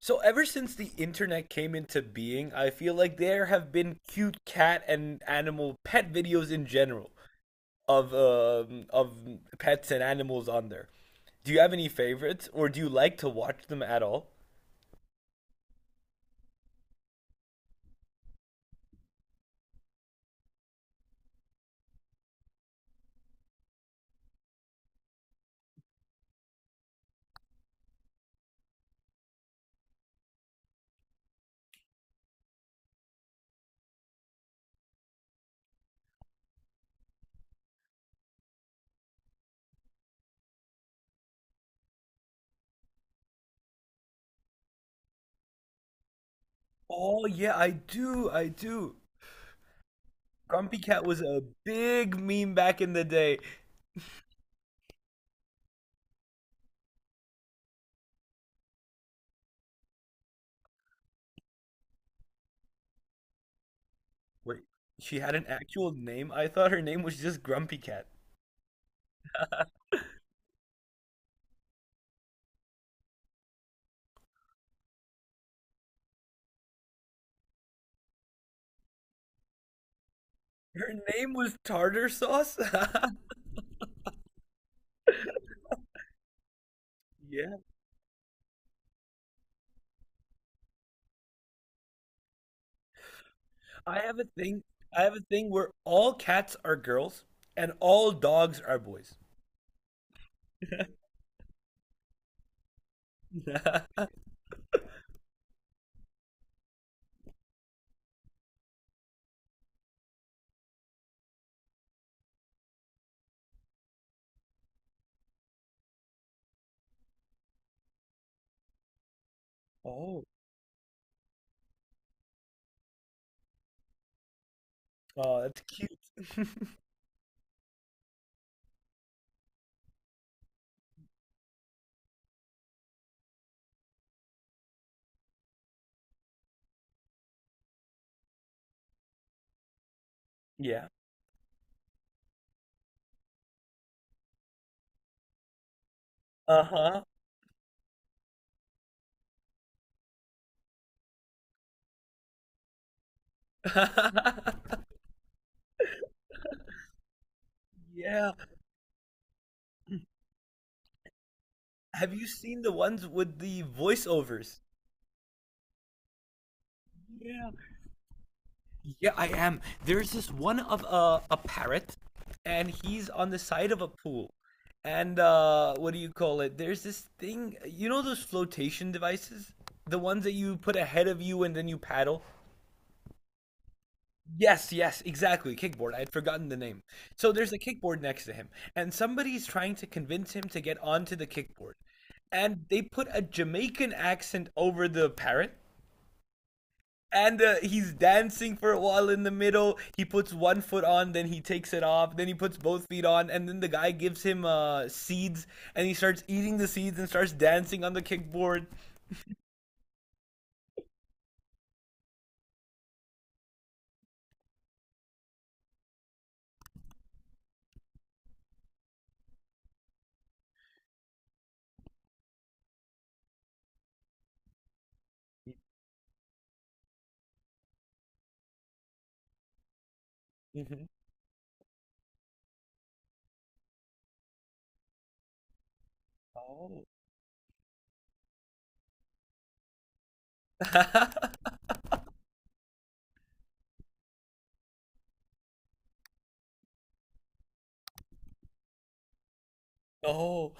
So ever since the internet came into being, I feel like there have been cute cat and animal pet videos in general of pets and animals on there. Do you have any favorites, or do you like to watch them at all? Oh yeah, I do, I do. Grumpy Cat was a big meme back in the day. Wait, she had an actual name? I thought her name was just Grumpy Cat. Her name was Tartar Sauce? Yeah. I have a thing. I have a thing where all cats are girls and all dogs are boys. Oh, oh, that's cute. Yeah. Uh-huh. Yeah. Have you seen the ones with the voiceovers? Yeah. Yeah, I am. There's this one of a parrot, and he's on the side of a pool. And what do you call it? There's this thing, you know those flotation devices? The ones that you put ahead of you and then you paddle? Yes, yes, exactly. Kickboard. I had forgotten the name. So there's a kickboard next to him, and somebody's trying to convince him to get onto the kickboard. And they put a Jamaican accent over the parrot, and he's dancing for a while in the middle. He puts one foot on, then he takes it off, then he puts both feet on, and then the guy gives him seeds, and he starts eating the seeds and starts dancing on the kickboard. Mhm. Oh. Oh,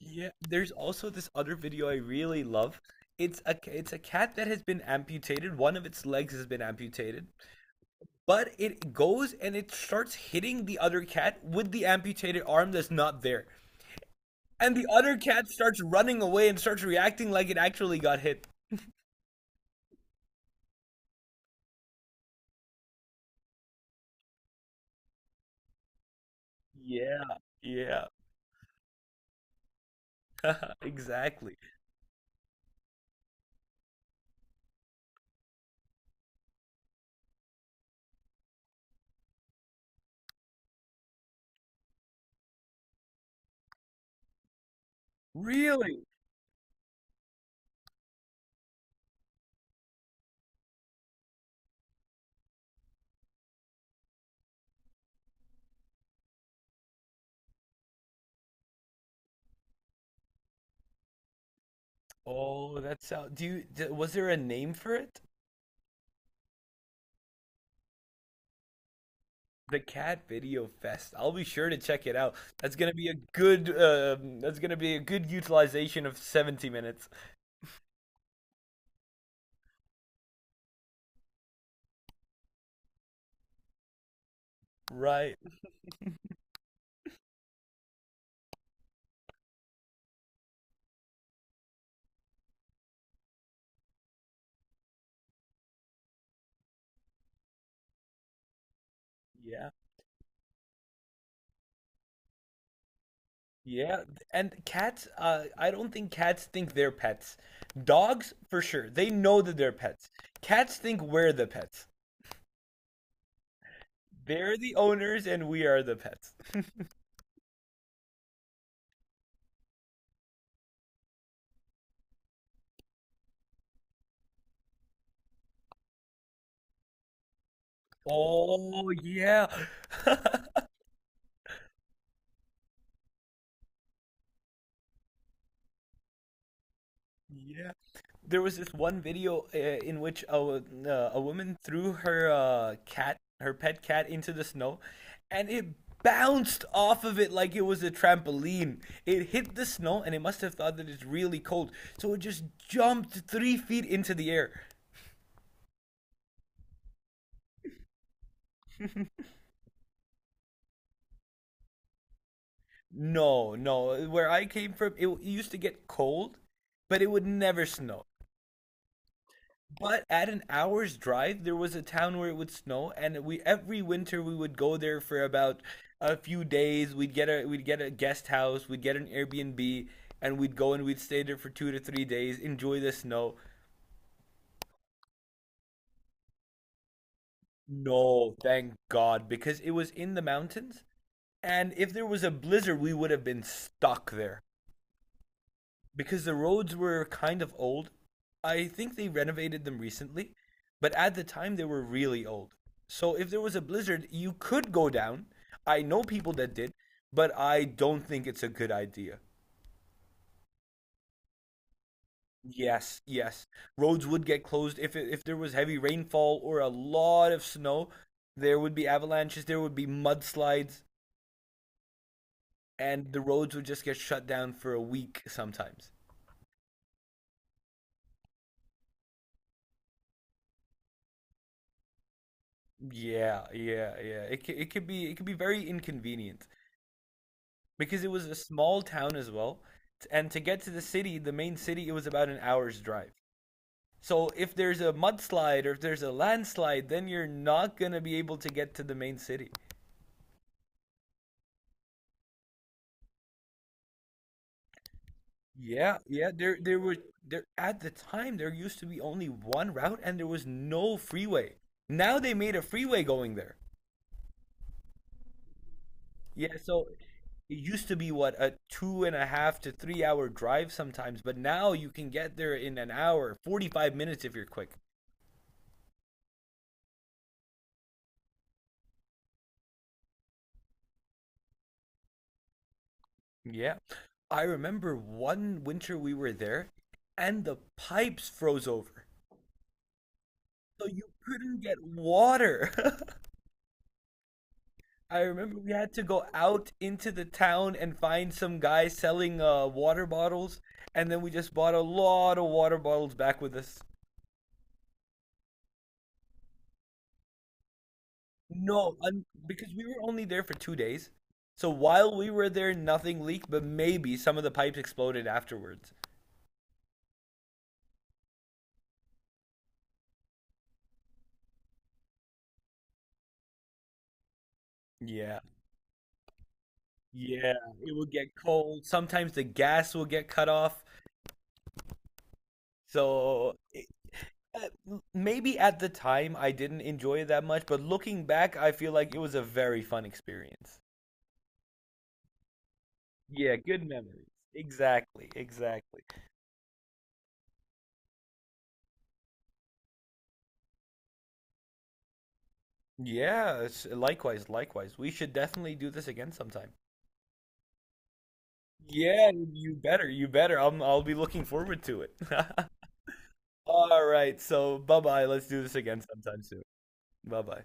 yeah. There's also this other video I really love. It's a cat that has been amputated. One of its legs has been amputated, but it goes and it starts hitting the other cat with the amputated arm that's not there. And the other cat starts running away and starts reacting like it actually got hit. Yeah, yeah. Exactly. Really? Oh, that sound. Do you, d was there a name for it? The Cat Video Fest. I'll be sure to check it out. That's gonna be a good. That's gonna be a good utilization of 70 minutes. Right. Yeah. Yeah. And cats. I don't think cats think they're pets. Dogs, for sure. They know that they're pets. Cats think we're the pets. They're the owners and we are the pets. Oh yeah. Yeah. There was this one video in which a woman threw her cat, her pet cat, into the snow, and it bounced off of it like it was a trampoline. It hit the snow, and it must have thought that it's really cold, so it just jumped 3 feet into the air. No, no. Where I came from, it used to get cold, but it would never snow. But at an hour's drive, there was a town where it would snow, and we every winter we would go there for about a few days. We'd get a guest house, we'd get an Airbnb, and we'd go and we'd stay there for 2 to 3 days, enjoy the snow. No, thank God, because it was in the mountains, and if there was a blizzard, we would have been stuck there. Because the roads were kind of old. I think they renovated them recently, but at the time they were really old. So if there was a blizzard, you could go down. I know people that did, but I don't think it's a good idea. Yes, yes. Roads would get closed if there was heavy rainfall or a lot of snow. There would be avalanches, there would be mudslides, and the roads would just get shut down for a week sometimes. Yeah, yeah, yeah. It c- it could be very inconvenient. Because it was a small town as well. And to get to the city, the main city, it was about an hour's drive. So if there's a mudslide or if there's a landslide, then you're not gonna be able to get to the main city. Yeah, yeah. There were there at the time there used to be only one route and there was no freeway. Now they made a freeway going there. Yeah, so it used to be what a 2.5 to 3 hour drive sometimes, but now you can get there in an hour, 45 minutes if you're quick. Yeah. I remember one winter we were there and the pipes froze over. So you couldn't get water. I remember we had to go out into the town and find some guy selling water bottles, and then we just bought a lot of water bottles back with us. No, un because we were only there for 2 days. So while we were there, nothing leaked, but maybe some of the pipes exploded afterwards. Yeah. Yeah, it will get cold. Sometimes the gas will get cut off. So uh, maybe at the time I didn't enjoy it that much, but looking back, I feel like it was a very fun experience. Yeah, good memories. Exactly, exactly. Yeah, likewise, likewise. We should definitely do this again sometime. Yeah, you better, you better. I'll be looking forward to it. All right, so bye-bye. Let's do this again sometime soon. Bye-bye.